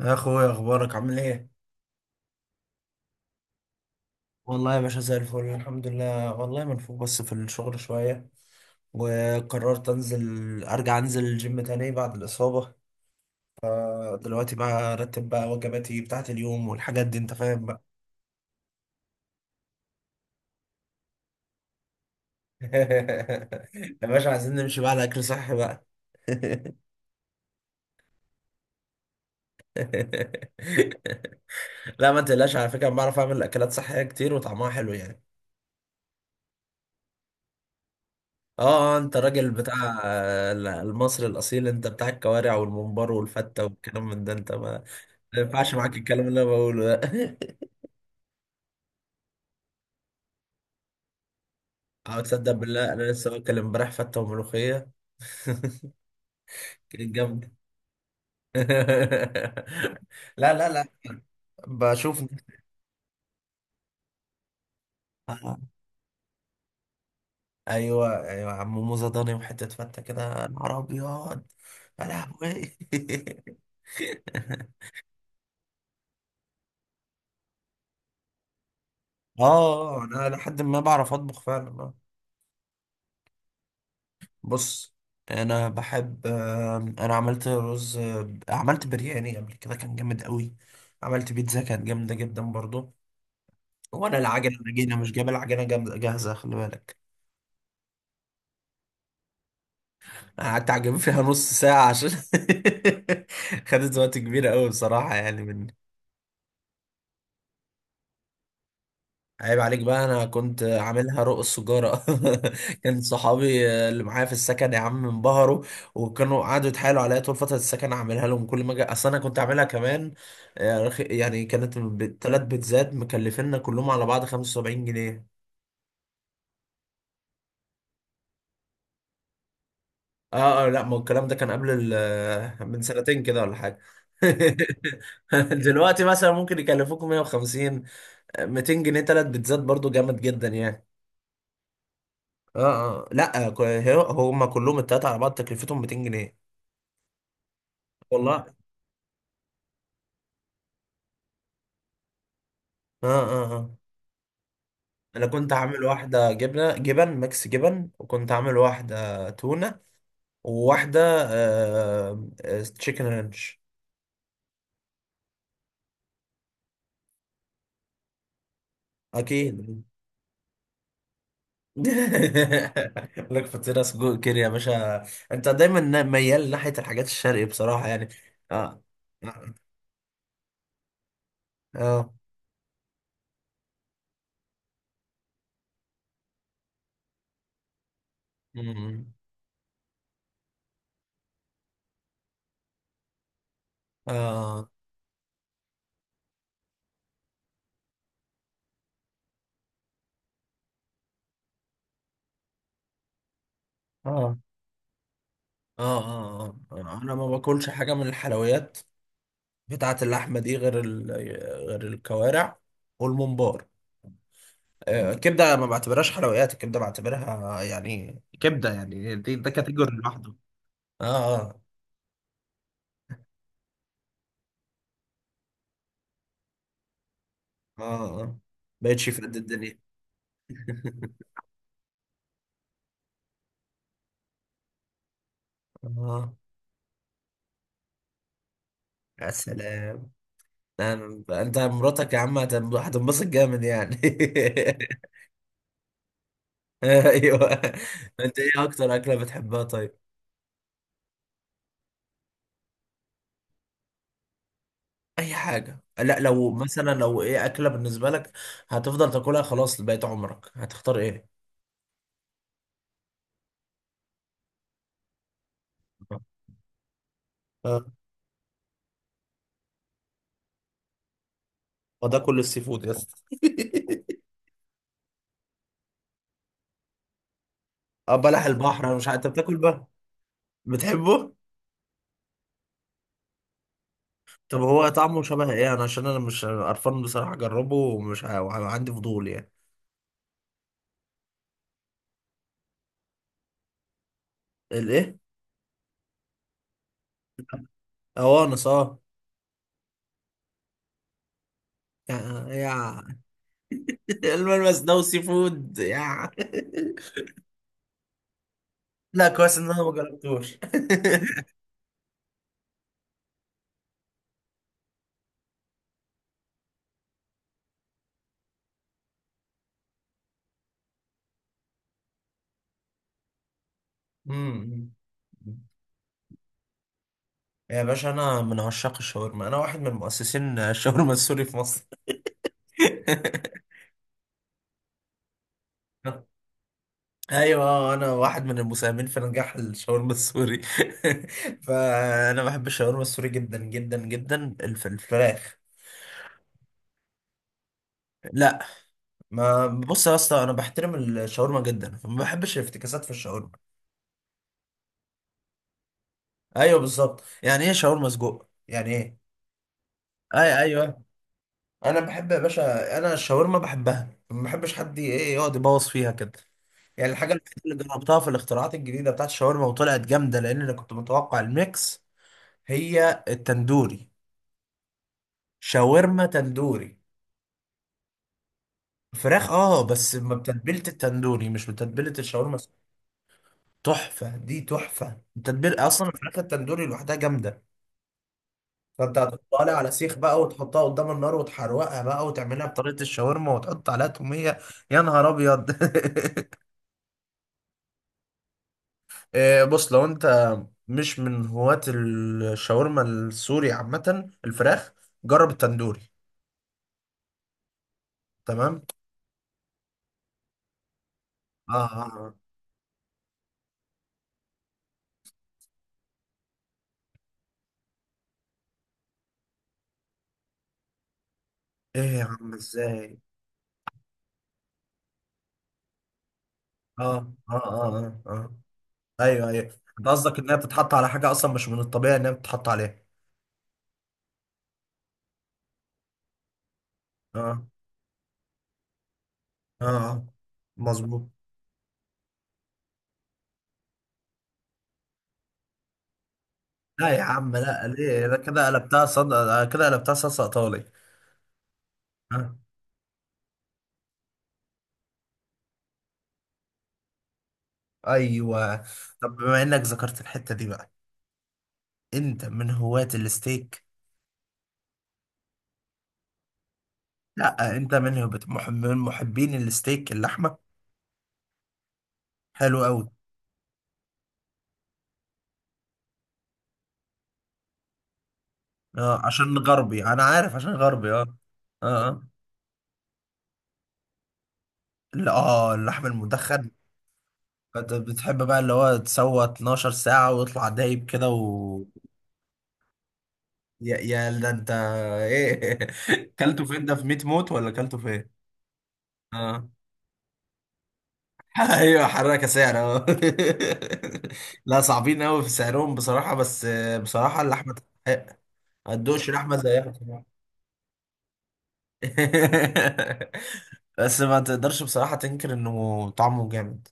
يا اخويا، اخبارك عامل ايه؟ والله يا باشا زي الفل، الحمد لله. والله منفوخ بس في الشغل شويه، وقررت ارجع انزل الجيم تاني بعد الاصابه. دلوقتي بقى ارتب بقى وجباتي بتاعت اليوم والحاجات دي، انت فاهم بقى. يا باشا، عايزين نمشي بقى على اكل صحي بقى. لا، ما تقلقش، على فكره أنا بعرف اعمل اكلات صحيه كتير وطعمها حلو يعني. اه. انت راجل بتاع، المصري الاصيل، انت بتاع الكوارع والممبار والفته والكلام من ده. انت ما ينفعش معاك الكلام اللي انا بقوله ده. او تصدق بالله، انا لسه واكل امبارح فته وملوخيه. كانت جامده. لا، لا، لا. بشوف. آه، ايوه، ايوه، عم موزه ضاني وحته فته كده، نهار ابيض. يا لهوي. اه، انا لحد ما بعرف اطبخ فعلا. بص، انا بحب آم، انا عملت رز، عملت برياني قبل كده كان جامد قوي، عملت بيتزا كانت جامده جدا برضو. وانا العجله اللي جينا مش جايب، العجله جامده جاهزه، خلي بالك. أنا قعدت اعجب فيها نص ساعه عشان، خدت وقت كبير قوي بصراحه، يعني من، عيب عليك بقى، انا كنت عاملها رق السجارة. كان صحابي اللي معايا في السكن يا عم انبهروا، وكانوا قعدوا يتحايلوا عليا طول فترة السكن اعملها لهم كل ما اجي. اصل انا كنت عاملها كمان يعني كانت ثلاث بيتزات مكلفيننا كلهم على بعض 75 جنيه. اه اه، لا، ما هو الكلام ده كان من سنتين كده ولا حاجة. دلوقتي مثلا ممكن يكلفوكم 150، 200 جنيه ثلاث بيتزات، برضو جامد جدا يعني. اه، اه، لا، هما كلهم التلاتة على بعض تكلفتهم 200 جنيه. والله اه، اه، اه، انا كنت عامل واحدة جبنة، جبن ميكس جبن، وكنت عامل واحدة تونة، وواحدة تشيكن رانش. اكيد. لك فطيرة سجق كده يا باشا. انت دايما ميال ناحية الحاجات الشرقي بصراحة يعني. اه، اه، اه، اه، اه، اه، اه، اه، اه، انا ما باكلش حاجه من الحلويات قطعة اللحمة دي غير الكوارع والممبار. الكبدة ما بعتبرهاش حلويات، الكبدة بعتبرها يعني كبده، يعني دي ده كاتيجوري لوحده. اه، اه، اه، اه، بقتش في قد الدنيا. اه، يا سلام. انت مراتك يا عم هتنبسط جامد يعني. ايوه. انت ايه اكتر اكله بتحبها طيب؟ اي حاجه، لا لو مثلا، ايه اكله بالنسبه لك هتفضل تاكلها خلاص لبقيت عمرك هتختار ايه؟ اه، ما ده كل السي فود يا اسطى. اه، بلح البحر، انا مش عارف انت بتاكل بقى، بتحبه؟ طب هو طعمه شبه ايه؟ انا عشان انا مش قرفان بصراحه، اجربه وعندي فضول يعني. الايه؟ اوانس، اه. يا يا، الملمس ده والسي فود يا! لا، كويس ان انا ما جربتوش. أمم. يا باشا، انا من عشاق الشاورما، انا واحد من مؤسسين الشاورما السوري في مصر. ايوه، انا واحد من المساهمين في نجاح الشاورما السوري. فانا بحب الشاورما السوري جدا جدا جدا، الفراخ. لا. ما بص يا اسطى، انا بحترم الشاورما جدا، فما بحبش الافتكاسات في الشاورما. ايوه بالظبط، يعني ايه شاورما سجق؟ يعني ايه. اي، ايوه. انا بحب يا باشا، انا الشاورما بحبها، ما بحبش حد ايه يقعد يبوظ فيها كده. يعني الحاجه الوحيده اللي جربتها في الاختراعات الجديده بتاعت الشاورما وطلعت جامده، لان انا كنت متوقع الميكس، هي التندوري. شاورما تندوري فراخ، اه، بس ما بتتبيله التندوري، مش بتتبيله الشاورما. تحفه، دي تحفه، التتبيله اصلا الفراخ التندوري لوحدها جامده. فانت هتحطها لي على سيخ بقى وتحطها قدام النار وتحروقها بقى، وتعملها بطريقه الشاورما وتحط عليها توميه. يا نهار ابيض. بص، لو انت مش من هواة الشاورما السوري عامه الفراخ، جرب التندوري. تمام. اه، اه، آه. ايه يا عم، ازاي؟ اه، اه، اه، اه. ايوه، ايوه، انت قصدك انها بتتحط على حاجه اصلا مش من الطبيعي انها بتتحط عليها. اه، اه، آه، مظبوط. لا يا عم، لا، ليه ده؟ كده قلبتها صلصه ايطالي. آه. ايوه. طب بما انك ذكرت الحته دي بقى، انت من هواة الستيك؟ لا، انت من هواة من محبين الستيك، اللحمه. حلو قوي. اه، عشان غربي، انا عارف، عشان غربي، اه. اه، آه. لا، اه، اللحم المدخن. انت بتحب بقى اللي هو تسوى 12 ساعة ويطلع دايب كده و، يا ده انت ايه! كلته فين ده؟ في 100 موت ولا كلته فين؟ اه. ايوه، حركة سعر، اه. لا، صعبين قوي في سعرهم بصراحة، بس بصراحة اللحمة تستحق. ما تدوقش لحمة زيها بصراحة. بس ما تقدرش بصراحة تنكر انه طعمه جامد.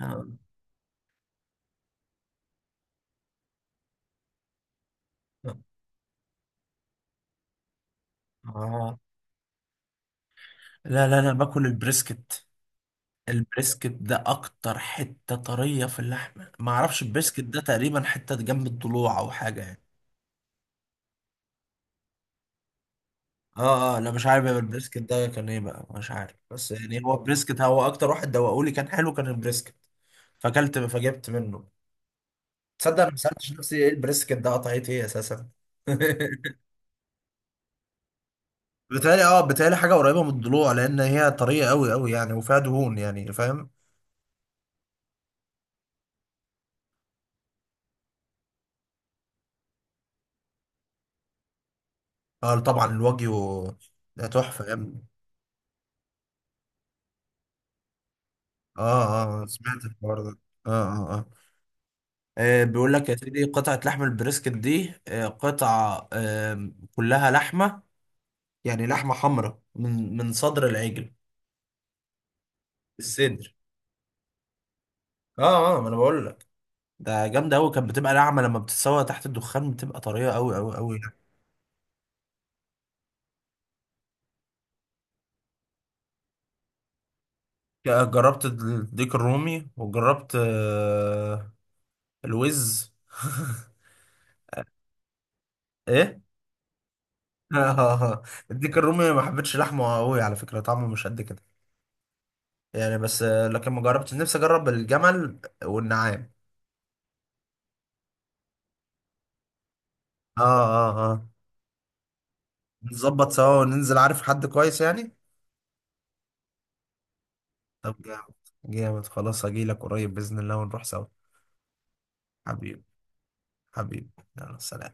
اه، آه. لا، لا، انا باكل البريسكت. البريسكت ده اكتر حتة طرية في اللحمة. ما اعرفش البريسكت ده تقريبا حتة جنب الضلوع او حاجة يعني. اه، اه، انا مش عارف يا، البريسكت ده كان ايه بقى، مش عارف، بس يعني هو بريسكت. هو اكتر واحد دوقولي كان حلو كان البريسكت، فاكلت فجبت منه. تصدق انا ما سالتش نفسي ايه البريسكت ده قطعت ايه اساسا. بتهيألي حاجة قريبة من الضلوع، لأن هي طرية أوي أوي يعني، وفيها دهون يعني، فاهم؟ اه، طبعا، الواجيو ده تحفة يا ابني. اه، اه، سمعت الحوار ده. اه، اه، اه، بيقول لك يا سيدي قطعة لحم البريسكت دي، آه، قطعة، كلها لحمة، يعني لحمة حمراء، من صدر العجل، الصدر. اه، اه، ما انا بقول لك. ده جامدة قوي، كانت بتبقى ناعمة لما بتتسوى تحت الدخان، بتبقى طرية قوي قوي قوي. جربت الديك الرومي، وجربت الوز. ايه؟ اه، آه، آه. الديك الرومي ما حبيتش لحمه قوي على فكرة، طعمه مش قد كده يعني. بس لكن ما جربتش نفسي اجرب الجمل والنعام. اه، اه، آه. نظبط سوا وننزل، عارف حد كويس يعني. طب جامد. جامد، خلاص، هجيلك قريب بإذن الله ونروح سوا. حبيبي. حبيبي. يلا سلام.